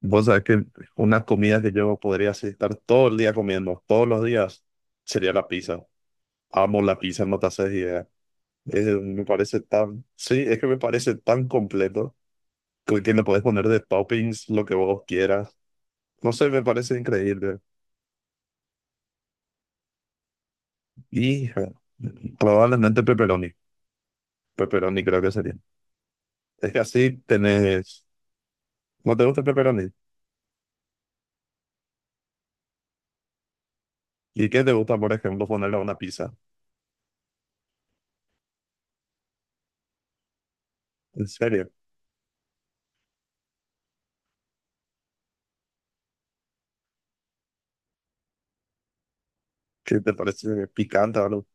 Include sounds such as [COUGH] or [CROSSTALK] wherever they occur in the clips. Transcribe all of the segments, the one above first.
Vos sabés que una comida que yo podría así estar todo el día comiendo, todos los días, sería la pizza. Amo la pizza, no te haces idea. Me parece tan, sí, es que me parece tan completo que le podés poner de toppings lo que vos quieras. No sé, me parece increíble. Y eh, Probablemente pepperoni. Pepperoni creo que sería. Es que así tenés, ¿no te gusta el pepperoni? ¿Y qué te gusta, por ejemplo, ponerle a una pizza? ¿En serio? ¿Qué te parece picante o algo?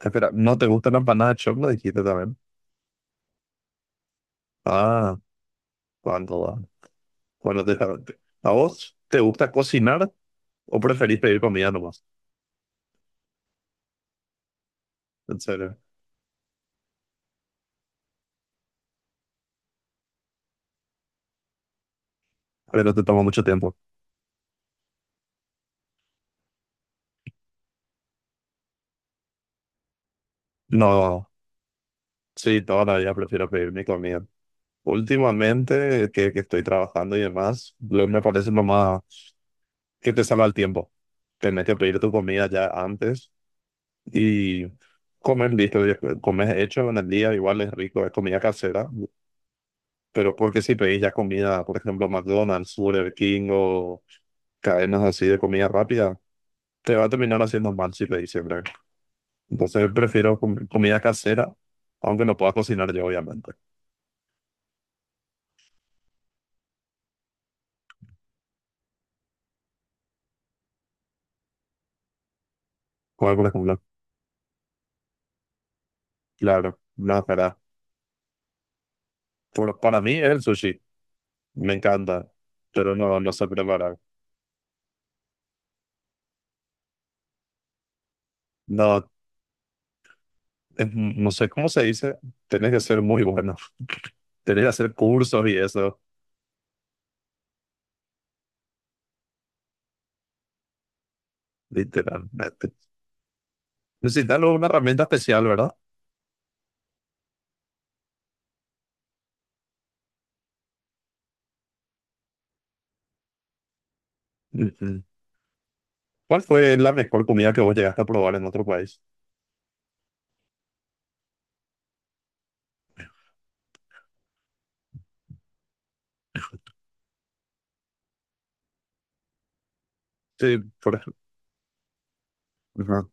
Espera, ¿no te gustan las empanadas de choclo? Dijiste también. Ah, cuando va. Bueno, te ¿a vos te gusta cocinar o preferís pedir comida nomás? En serio. Pero te toma mucho tiempo. No, sí, todavía prefiero pedir mi comida. Últimamente, que estoy trabajando y demás, me parece lo más que te salva el tiempo. Tenés que pedir tu comida ya antes y comer listo. Comer hecho en el día, igual es rico, es comida casera. Pero porque si pedís ya comida, por ejemplo, McDonald's, Burger King o cadenas así de comida rápida, te va a terminar haciendo mal si pedís siempre. Entonces prefiero comida casera, aunque no pueda cocinar yo, obviamente. Como por ejemplo, claro, no, para, para mí es el sushi, me encanta, pero no sé preparar. No, no sé cómo se dice, tenés que ser muy bueno, [LAUGHS] tenés que hacer cursos y eso, literalmente. Necesitas una herramienta especial, ¿verdad? Mm, mm. ¿Cuál fue la mejor comida que vos llegaste a probar en otro país? Sí, por ejemplo.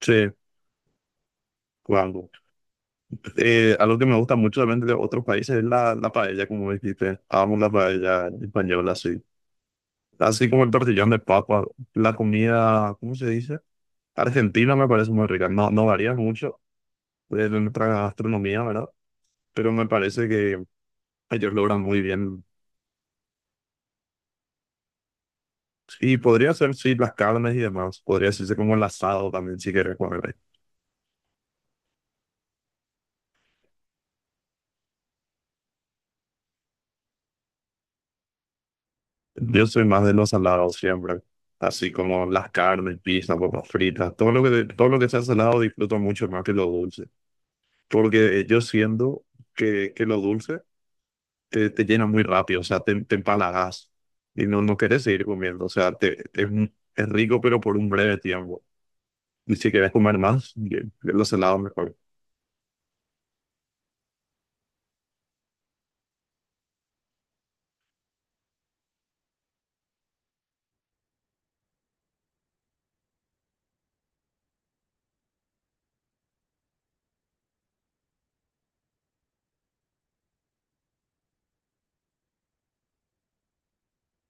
Sí, cuando. Algo que me gusta mucho también de otros países es la paella, como dijiste. Amo la paella española, sí. Así como el tortillón de papa. La comida, ¿cómo se dice? Argentina me parece muy rica. No, no varía mucho de nuestra gastronomía, ¿verdad? Pero me parece que ellos logran muy bien. Y podría ser, sí, las carnes y demás. Podría ser como el asado también, si quieres comer. Yo soy más de los salados siempre, así como las carnes, pizza, papas fritas, todo lo que sea salado disfruto mucho más que lo dulce, porque yo siento que lo dulce te llena muy rápido, o sea, te empalagas y no quieres seguir comiendo, o sea, es rico pero por un breve tiempo. Y si quieres comer más, bien lo salado mejor.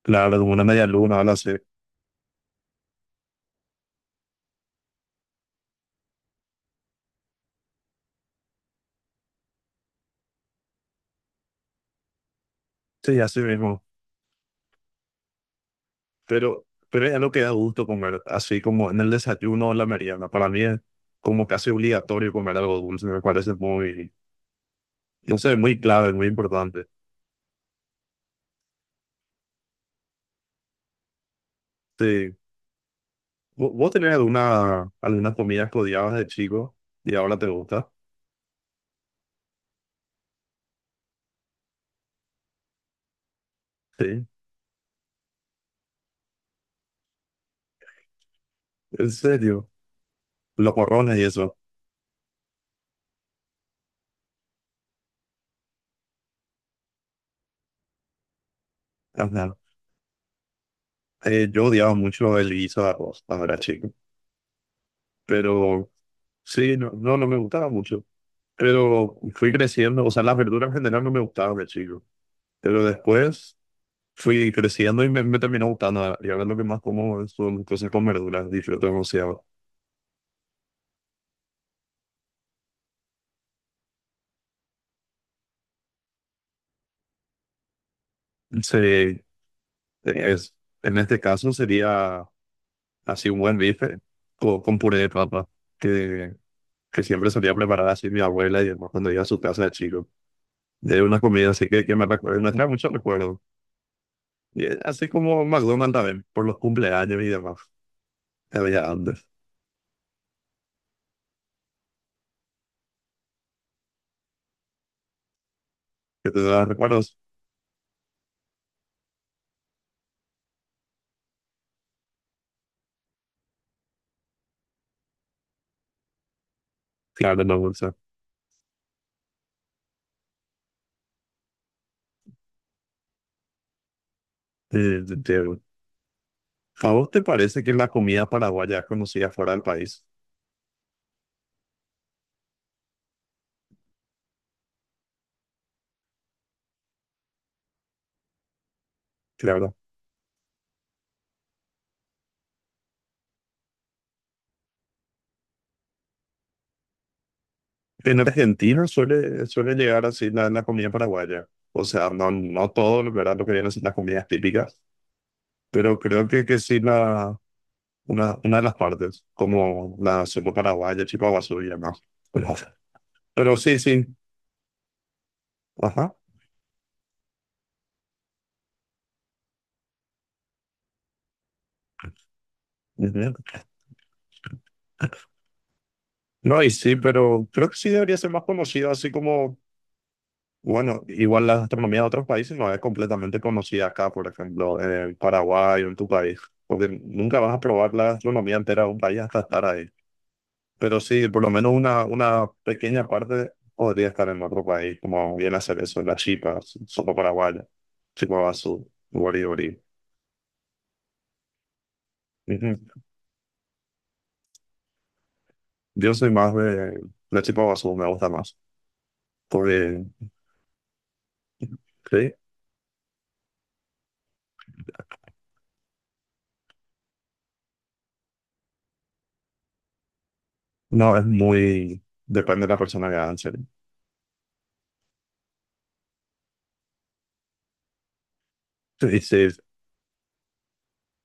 Claro, como una media luna, ahora sí, sí, así mismo. Pero es lo que da gusto comer, así como en el desayuno o la merienda. Para mí es como casi obligatorio comer algo dulce, me parece muy, no sé, muy clave, muy importante. Sí. ¿Vos tenés algunas comidas que odiabas de chico y ahora te gusta? Sí, en serio, los morrones y eso. Ajá. Yo odiaba mucho el guiso de arroz cuando era chico, pero sí, no me gustaba mucho. Pero fui creciendo, o sea, las verduras en general no me gustaban de chico. Pero después fui creciendo y me terminó gustando. Y ahora lo que más como son cosas con verduras, disfruto demasiado. Sí es, en este caso sería así un buen bife con puré de papa, que, que siempre solía preparar así mi abuela y hermano cuando iba a su casa de chico. De una comida así que me recuerda, me trae muchos recuerdos. Y es así como McDonald's también, por los cumpleaños y demás, que había antes. Que te da recuerdos, claro, no, bolsa. Eh, te- te- ¿A vos te parece que la comida paraguaya es conocida fuera del país? Claro. En Argentina suele llegar así la comida paraguaya. O sea, no, no todo, ¿verdad? Lo que vienen son las comidas típicas, pero creo que sí una de las partes, como la sopa paraguaya, chipaguazú y demás. Pero, pero sí, sí. Ajá. Ujú. No, y sí, pero creo que sí debería ser más conocido, así como, bueno, igual la gastronomía de otros países no es completamente conocida acá, por ejemplo, en el Paraguay o en tu país, porque nunca vas a probar la gastronomía entera de un país hasta estar ahí. Pero sí, por lo menos una pequeña parte podría estar en otro país, como bien hacer eso, las chipas, solo paraguaya, chipa basú, guaribori. Ujú. Yo soy más de la chipa basú, me gusta más. Porque, sí, no, es muy, depende de la persona que haga, en serio. Sí, sí,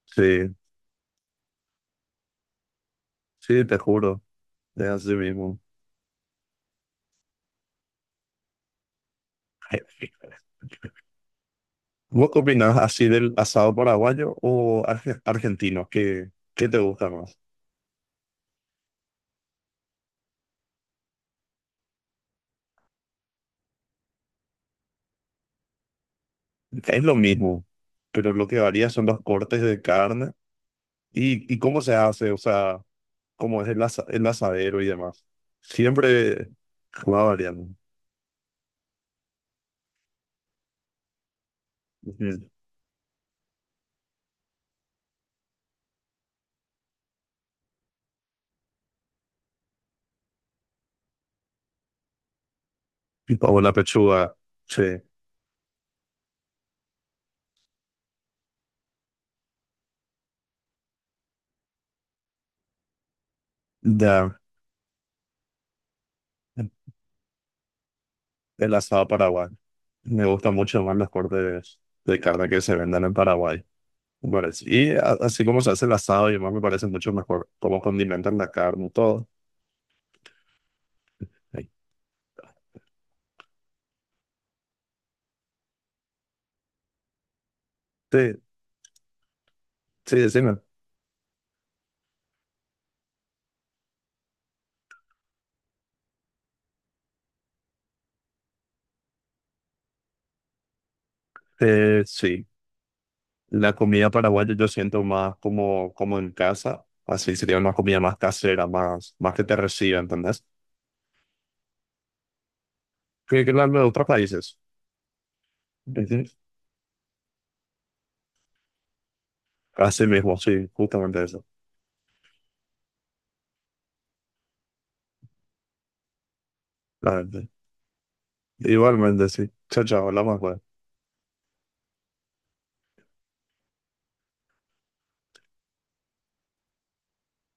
sí, sí, te juro, es así mismo. [LAUGHS] ¿Vos qué opinás así del asado paraguayo o argentino? ¿Qué, qué te gusta más? Es lo mismo, pero lo que varía son los cortes de carne y cómo se hace, o sea, cómo es el asadero y demás. Siempre va variando. Ujú. O la pechuga, sí, da el asado paraguay. Me gustan mucho más los cortes de carne que se vendan en Paraguay. Me parece. Y así como se hace el asado y demás, me parece mucho mejor cómo condimentan la carne y todo. Sí, sí, sí, decime. Sí. La comida paraguaya yo siento más como, como en casa, así sería una comida más casera, más, más que te reciba, ¿entendés? Que la de otros países. Ujú. Así mismo, sí, justamente eso, la verdad. Igualmente, sí. Chao, chao, hablamos.